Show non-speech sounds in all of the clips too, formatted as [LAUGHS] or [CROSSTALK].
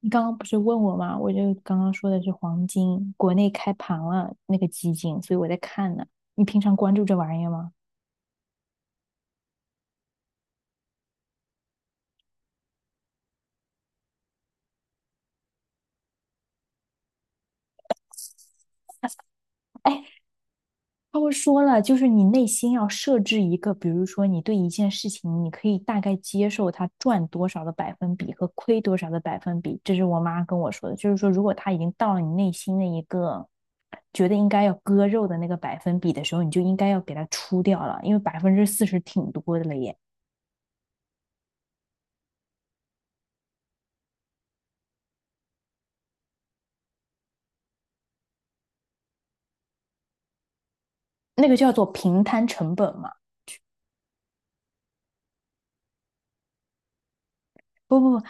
你刚刚不是问我吗？我就刚刚说的是黄金，国内开盘了那个基金，所以我在看呢。你平常关注这玩意儿吗？哎，他会说了，就是你内心要设置一个，比如说你对一件事情，你可以大概接受它赚多少的百分比和亏多少的百分比。这是我妈跟我说的，就是说如果它已经到了你内心的一个觉得应该要割肉的那个百分比的时候，你就应该要给它出掉了，因为40%挺多的了耶。那个叫做平摊成本嘛。不不不，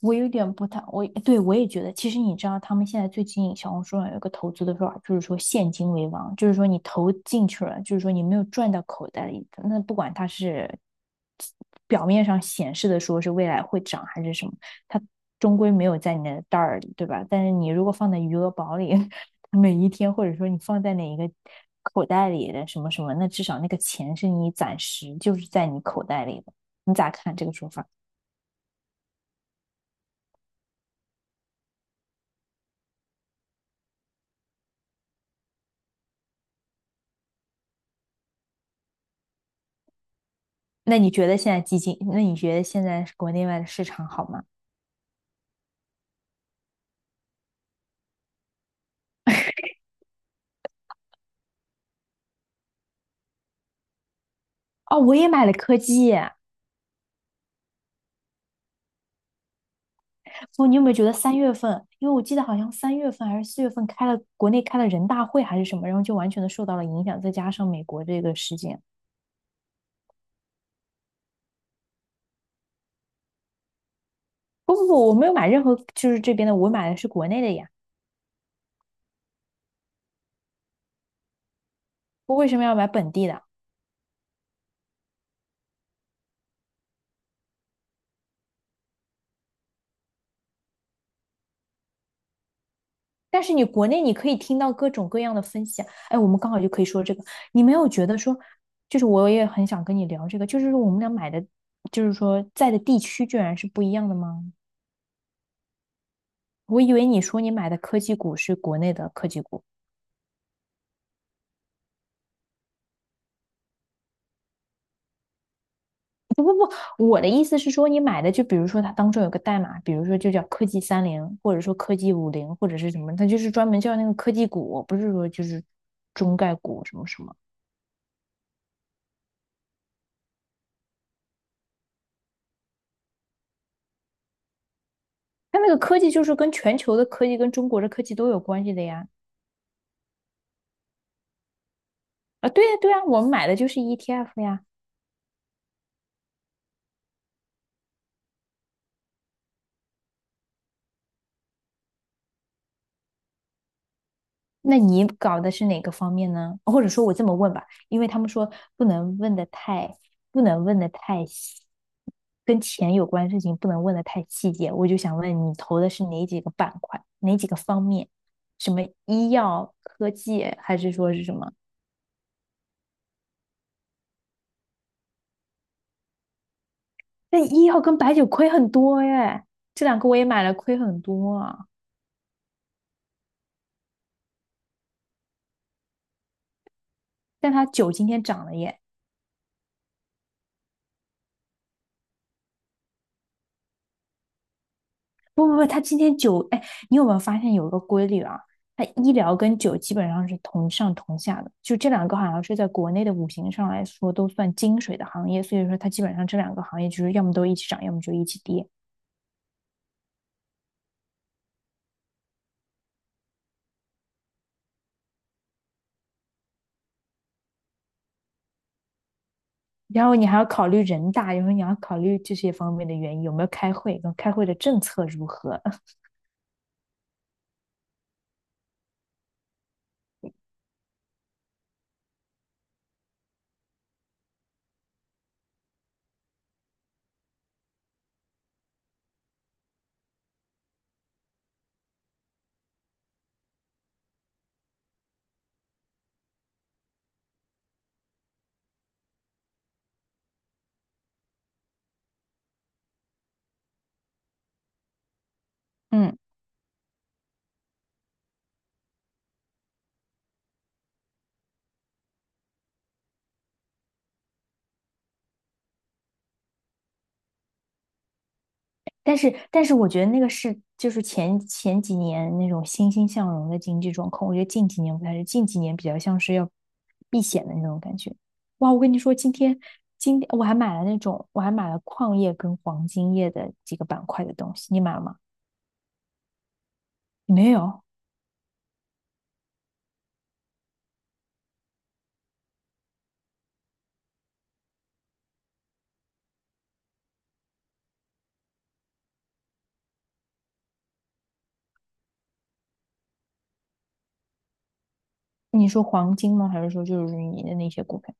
我有点不太，我也觉得，其实你知道，他们现在最近小红书上有一个投资的说法，就是说现金为王，就是说你投进去了，就是说你没有赚到口袋里的，那不管它是表面上显示的说是未来会涨还是什么，它终归没有在你的袋儿里，对吧？但是你如果放在余额宝里，[LAUGHS] 每一天或者说你放在哪一个口袋里的什么什么，那至少那个钱是你暂时就是在你口袋里的。你咋看这个说法？那你觉得现在基金，那你觉得现在国内外的市场好吗？哦，我也买了科技。不，你有没有觉得三月份？因为我记得好像三月份还是4月份开了国内开了人大会还是什么，然后就完全的受到了影响，再加上美国这个事件。不不不，我没有买任何就是这边的，我买的是国内的呀。我为什么要买本地的？但是你国内你可以听到各种各样的分析啊哎，我们刚好就可以说这个。你没有觉得说，就是我也很想跟你聊这个，就是说我们俩买的，就是说在的地区居然是不一样的吗？我以为你说你买的科技股是国内的科技股，不不不，我的意思是说你买的，就比如说它当中有个代码，比如说就叫科技30，或者说科技50，或者是什么，它就是专门叫那个科技股，不是说就是中概股什么什么。它那个科技就是跟全球的科技跟中国的科技都有关系的呀。啊，对呀对呀，我们买的就是 ETF 呀。那你搞的是哪个方面呢？或者说我这么问吧，因为他们说不能问的太，不能问的太细，跟钱有关的事情不能问的太细节。我就想问你投的是哪几个板块，哪几个方面？什么医药、科技，还是说是什么？那医药跟白酒亏很多耶，这两个我也买了，亏很多啊。但它酒今天涨了耶。不不不，他今天酒，哎，你有没有发现有一个规律啊？他医疗跟酒基本上是同上同下的，就这两个好像是在国内的五行上来说都算金水的行业，所以说它基本上这两个行业就是要么都一起涨，要么就一起跌。然后你还要考虑人大，然后你要考虑这些方面的原因，有没有开会，跟开会的政策如何，[LAUGHS] 嗯。但是我觉得那个是就是前几年那种欣欣向荣的经济状况，我觉得近几年不太是，近几年比较像是要避险的那种感觉。哇，我跟你说，今天我还买了那种，我还买了矿业跟黄金业的几个板块的东西，你买了吗？没有？你说黄金吗？还是说就是你的那些股票？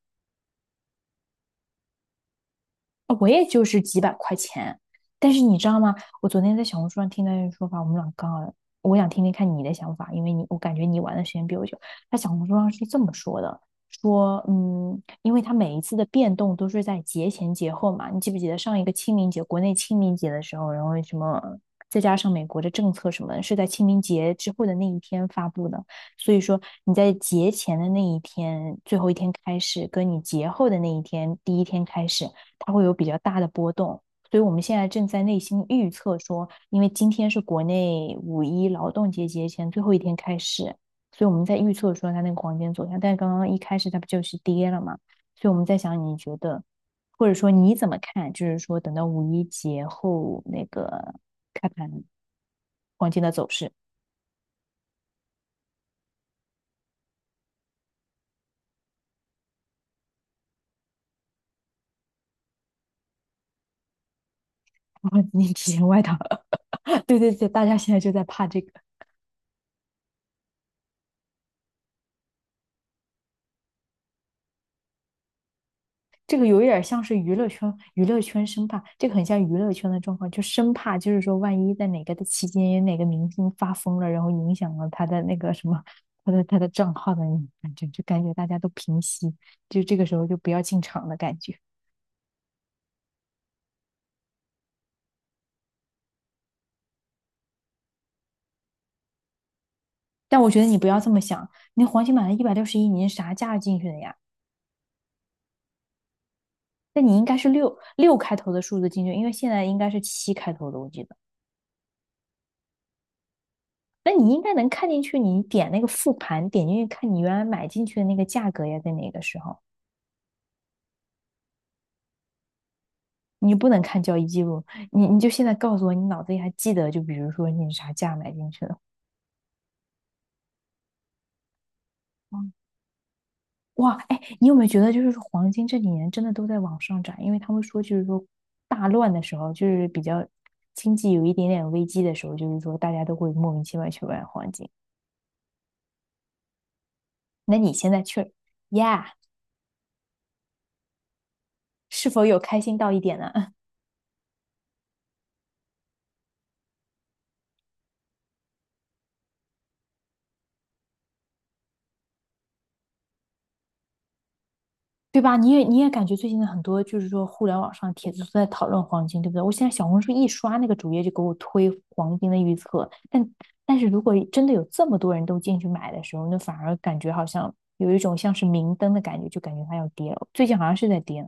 啊，我也就是几百块钱。但是你知道吗？我昨天在小红书上听到一个说法，我们俩刚好，我想听听看你的想法，因为你我感觉你玩的时间比我久。他小红书上是这么说的，说嗯，因为他每一次的变动都是在节前节后嘛，你记不记得上一个清明节，国内清明节的时候，然后什么，再加上美国的政策什么的是在清明节之后的那一天发布的。所以说你在节前的那一天，最后一天开始，跟你节后的那一天，第一天开始。它会有比较大的波动。所以我们现在正在内心预测说，因为今天是国内五一劳动节节前最后一天开始，所以我们在预测说它那个黄金走向。但是刚刚一开始它不就是跌了嘛？所以我们在想，你觉得，或者说你怎么看？就是说等到五一节后那个开盘黄金的走势，[LAUGHS] 哦你提前外套，[LAUGHS] 对对对，大家现在就在怕这个。这个有一点像是娱乐圈，娱乐圈生怕，这个很像娱乐圈的状况，就生怕就是说，万一在哪个的期间，有哪个明星发疯了，然后影响了他的那个什么，他的账号的感觉，就感觉大家都平息，就这个时候就不要进场的感觉。但我觉得你不要这么想，你黄金买的161，你是啥价进去的呀？那你应该是六开头的数字进去，因为现在应该是七开头的，我记得。那你应该能看进去，你点那个复盘，点进去看你原来买进去的那个价格呀，在哪个时候？你不能看交易记录，你就现在告诉我，你脑子里还记得，就比如说你啥价买进去的。嗯哇，哎，你有没有觉得，就是黄金这几年真的都在往上涨？因为他们说，就是说大乱的时候，就是比较经济有一点点危机的时候，就是说大家都会莫名其妙去买黄金。那你现在去呀，是否有开心到一点呢？[LAUGHS] 对吧？你也感觉最近的很多就是说互联网上帖子都在讨论黄金，对不对？我现在小红书一刷那个主页就给我推黄金的预测，但是如果真的有这么多人都进去买的时候，那反而感觉好像有一种像是明灯的感觉，就感觉它要跌了。最近好像是在跌，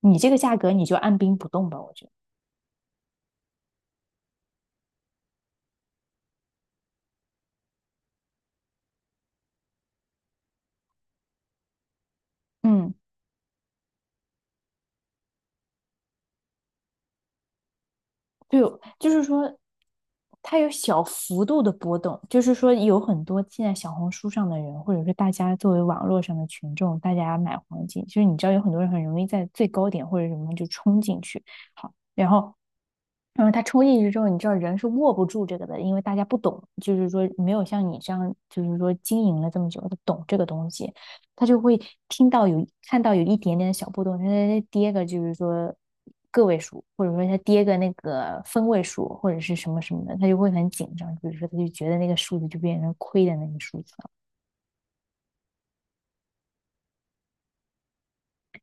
你这个价格你就按兵不动吧，我觉得。嗯。对，就是说，它有小幅度的波动，就是说，有很多现在小红书上的人，或者是大家作为网络上的群众，大家买黄金，就是你知道有很多人很容易在最高点或者什么就冲进去，好，然后他冲进去之后，你知道人是握不住这个的，因为大家不懂，就是说没有像你这样，就是说经营了这么久，他懂这个东西，他就会听到有看到有一点点的小波动，他跌个就是说个位数，或者说他跌个那个分位数，或者是什么什么的，他就会很紧张，比如说他就觉得那个数字就变成亏的那个数字。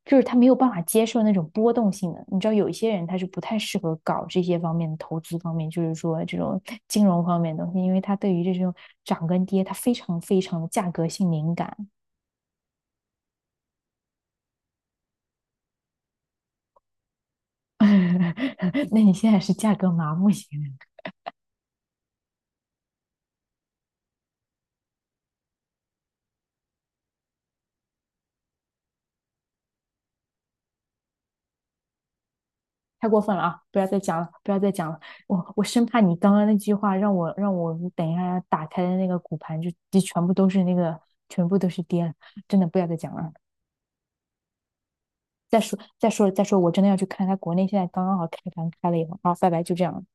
就是他没有办法接受那种波动性的。你知道，有一些人他是不太适合搞这些方面的投资方面，就是说这种 [LAUGHS] 金融方面的东西，因为他对于这种涨跟跌，他非常非常的价格性敏感 [LAUGHS]。那你现在是价格麻木型太过分了啊！不要再讲了，不要再讲了。我生怕你刚刚那句话让我等一下打开的那个骨盘就全部都是跌了，真的不要再讲了。再说，我真的要去看他国内现在刚刚好开盘开了以后，然后拜拜，就这样。